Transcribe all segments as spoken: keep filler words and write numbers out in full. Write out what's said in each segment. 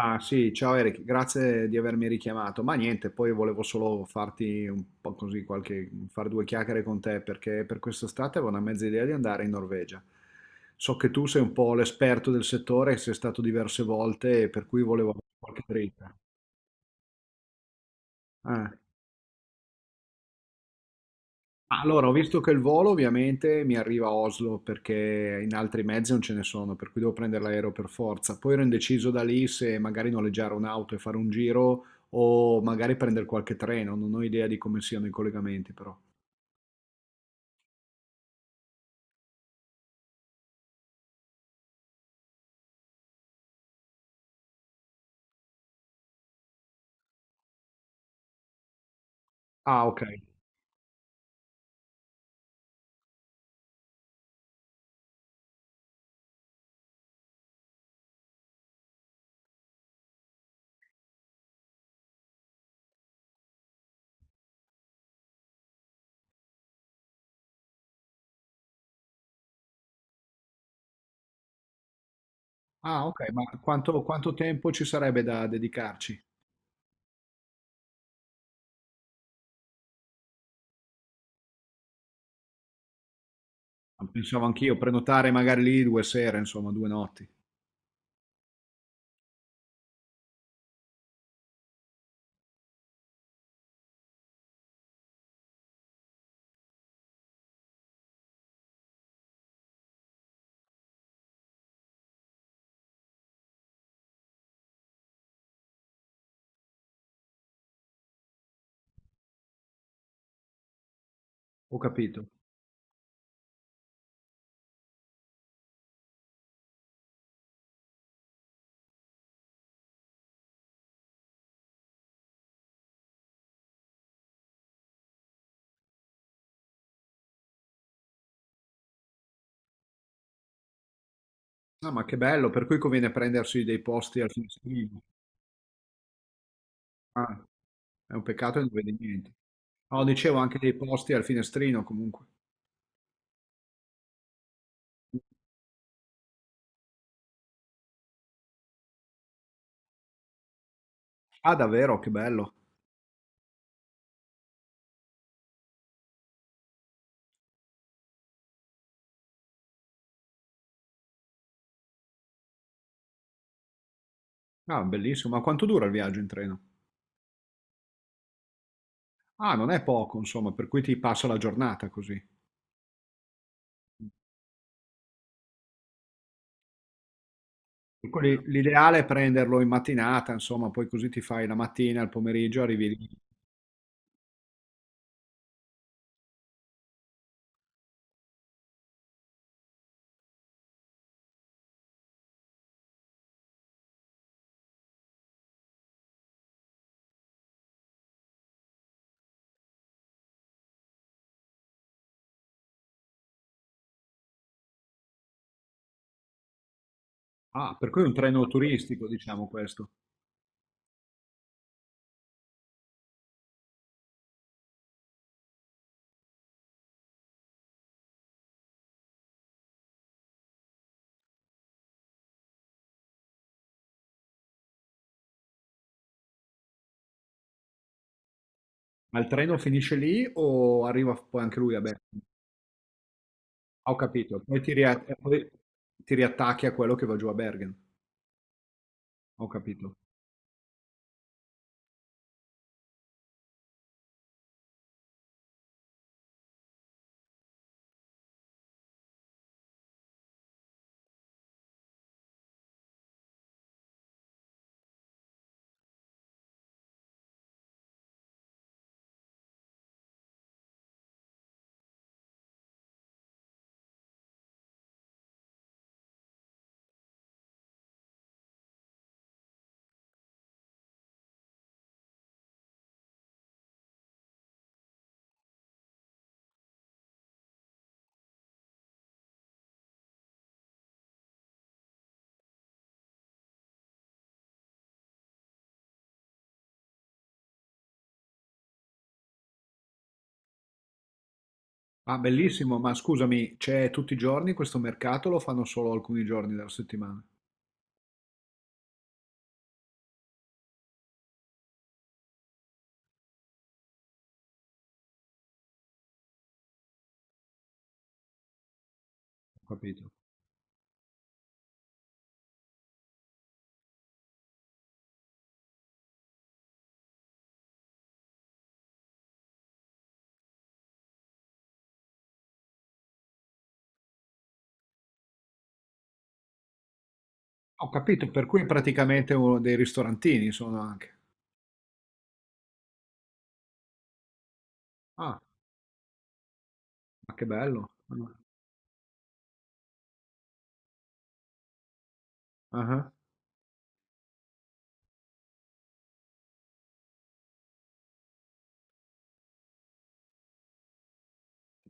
Ah sì, ciao Eric, grazie di avermi richiamato. Ma niente, poi volevo solo farti un po' così qualche, far due chiacchiere con te perché per quest'estate avevo una mezza idea di andare in Norvegia. So che tu sei un po' l'esperto del settore, sei stato diverse volte, per cui volevo qualche dritta. Eh. Allora, ho visto che il volo ovviamente mi arriva a Oslo perché in altri mezzi non ce ne sono, per cui devo prendere l'aereo per forza. Poi ero indeciso da lì se magari noleggiare un'auto e fare un giro o magari prendere qualche treno, non ho idea di come siano i collegamenti però. Ah, ok. Ah, ok, ma quanto, quanto tempo ci sarebbe da dedicarci? Pensavo anch'io, prenotare magari lì due sere, insomma, due notti. Ho capito. No, ma che bello, per cui conviene prendersi dei posti al finestrino. Ah, è un peccato che non vedi niente. No, dicevo anche dei posti al finestrino comunque. Ah, davvero, che bello. Ah, bellissimo. Ma quanto dura il viaggio in treno? Ah, non è poco, insomma, per cui ti passa la giornata così. Per cui l'ideale è prenderlo in mattinata, insomma, poi così ti fai la mattina, il pomeriggio, arrivi lì. Ah, per cui è un treno turistico, diciamo questo. Ma il treno finisce lì o arriva poi anche lui a Bergen? Ah, ho capito. Poi ti, ria- e poi ti riattacchi a quello che va giù a Bergen. Ho capito. Ah, bellissimo, ma scusami, c'è tutti i giorni questo mercato o lo fanno solo alcuni giorni della settimana? Ho capito. Ho capito, per cui è praticamente uno dei ristorantini sono anche. Ah, ma che bello. Ah, ah.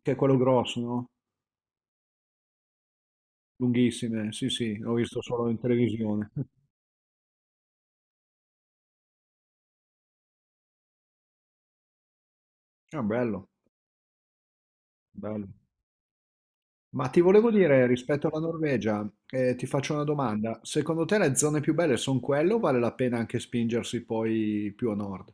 Che è quello grosso, no? Lunghissime, sì, sì, l'ho visto solo in televisione. Ah, bello, bello. Ma ti volevo dire, rispetto alla Norvegia, eh, ti faccio una domanda. Secondo te le zone più belle sono quelle o vale la pena anche spingersi poi più a nord?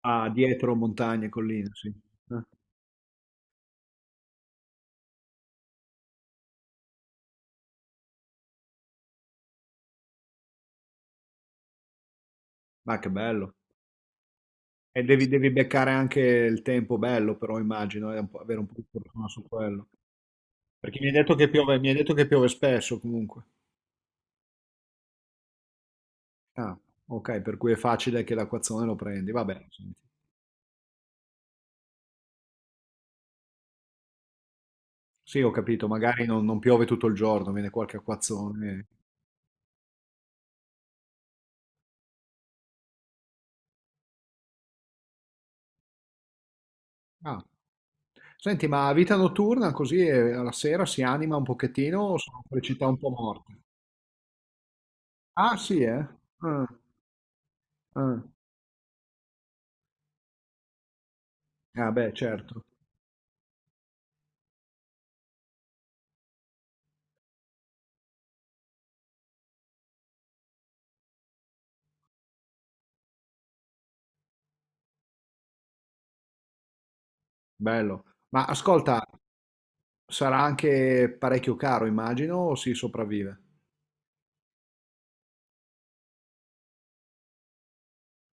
Ah, dietro montagne, colline, sì. Eh? Ma che bello. E devi, devi beccare anche il tempo bello, però immagino, e un po'- avere un po' di fortuna su quello. Perché mi hai detto che piove, mi hai detto che piove spesso comunque. Ah, ok, per cui è facile che l'acquazzone lo prendi. Vabbè, senti. Sì, ho capito, magari non, non piove tutto il giorno, viene qualche acquazzone. Ah. Senti, ma vita notturna così eh, alla sera si anima un pochettino o sono per città un po' morte? Ah, sì, eh? Ah, ah. Ah, beh, certo. Bello. Ma ascolta, sarà anche parecchio caro, immagino, o si sopravvive?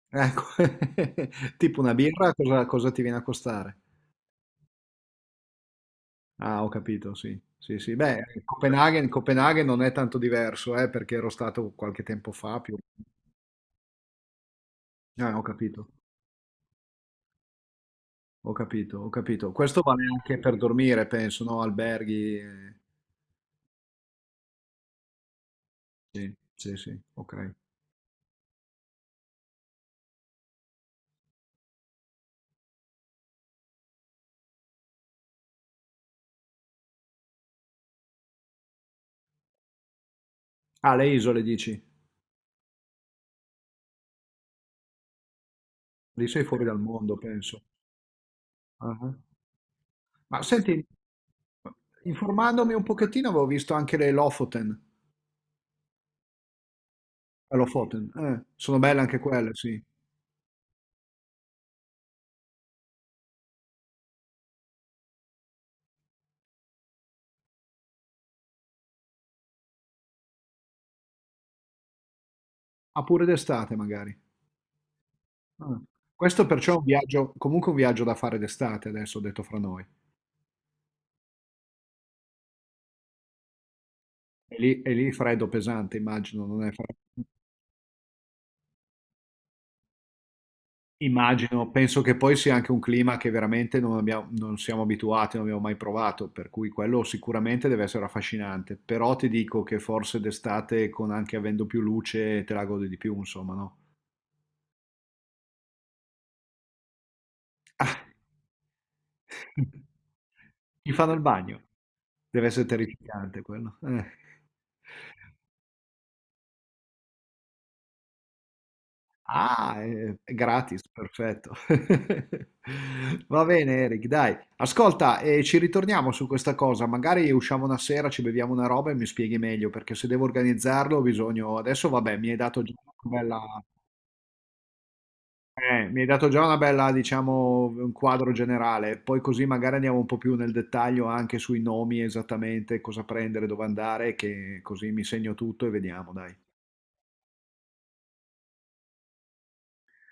Ecco, tipo una birra, cosa, cosa ti viene a costare? Ah, ho capito, sì. Sì, sì. Beh, Copenaghen, Copenaghen non è tanto diverso, eh, perché ero stato qualche tempo fa più. Ah, ho capito, ho capito, ho capito. Questo vale anche per dormire, penso, no? Alberghi. eh, Sì, sì, sì, ok. Ah, le isole dici? Lì sei fuori dal mondo, penso. Ah, ah. Ma senti, informandomi un pochettino avevo visto anche le Lofoten. Eh, Lofoten, eh, sono belle anche quelle, sì. Ah, pure d'estate magari. Ah. Questo perciò è un viaggio, comunque un viaggio da fare d'estate, adesso ho detto fra noi. E lì, e lì freddo pesante, immagino, non è freddo. Immagino, penso che poi sia anche un clima che veramente non abbiamo, non siamo abituati, non abbiamo mai provato, per cui quello sicuramente deve essere affascinante, però ti dico che forse d'estate, con anche avendo più luce, te la godi di più, insomma, no? Gli fanno il bagno. Dev'essere terrificante quello, eh. Ah, ehm, è gratis, perfetto. Va bene Eric, dai. Ascolta, ehm, ci ritorniamo su questa cosa, magari usciamo una sera, ci beviamo una roba e mi spieghi meglio, perché se devo organizzarlo ho bisogno adesso vabbè, mi hai dato già una bella Eh, mi hai dato già una bella, diciamo, un quadro generale, poi così magari andiamo un po' più nel dettaglio anche sui nomi esattamente, cosa prendere, dove andare, che così mi segno tutto e vediamo, dai.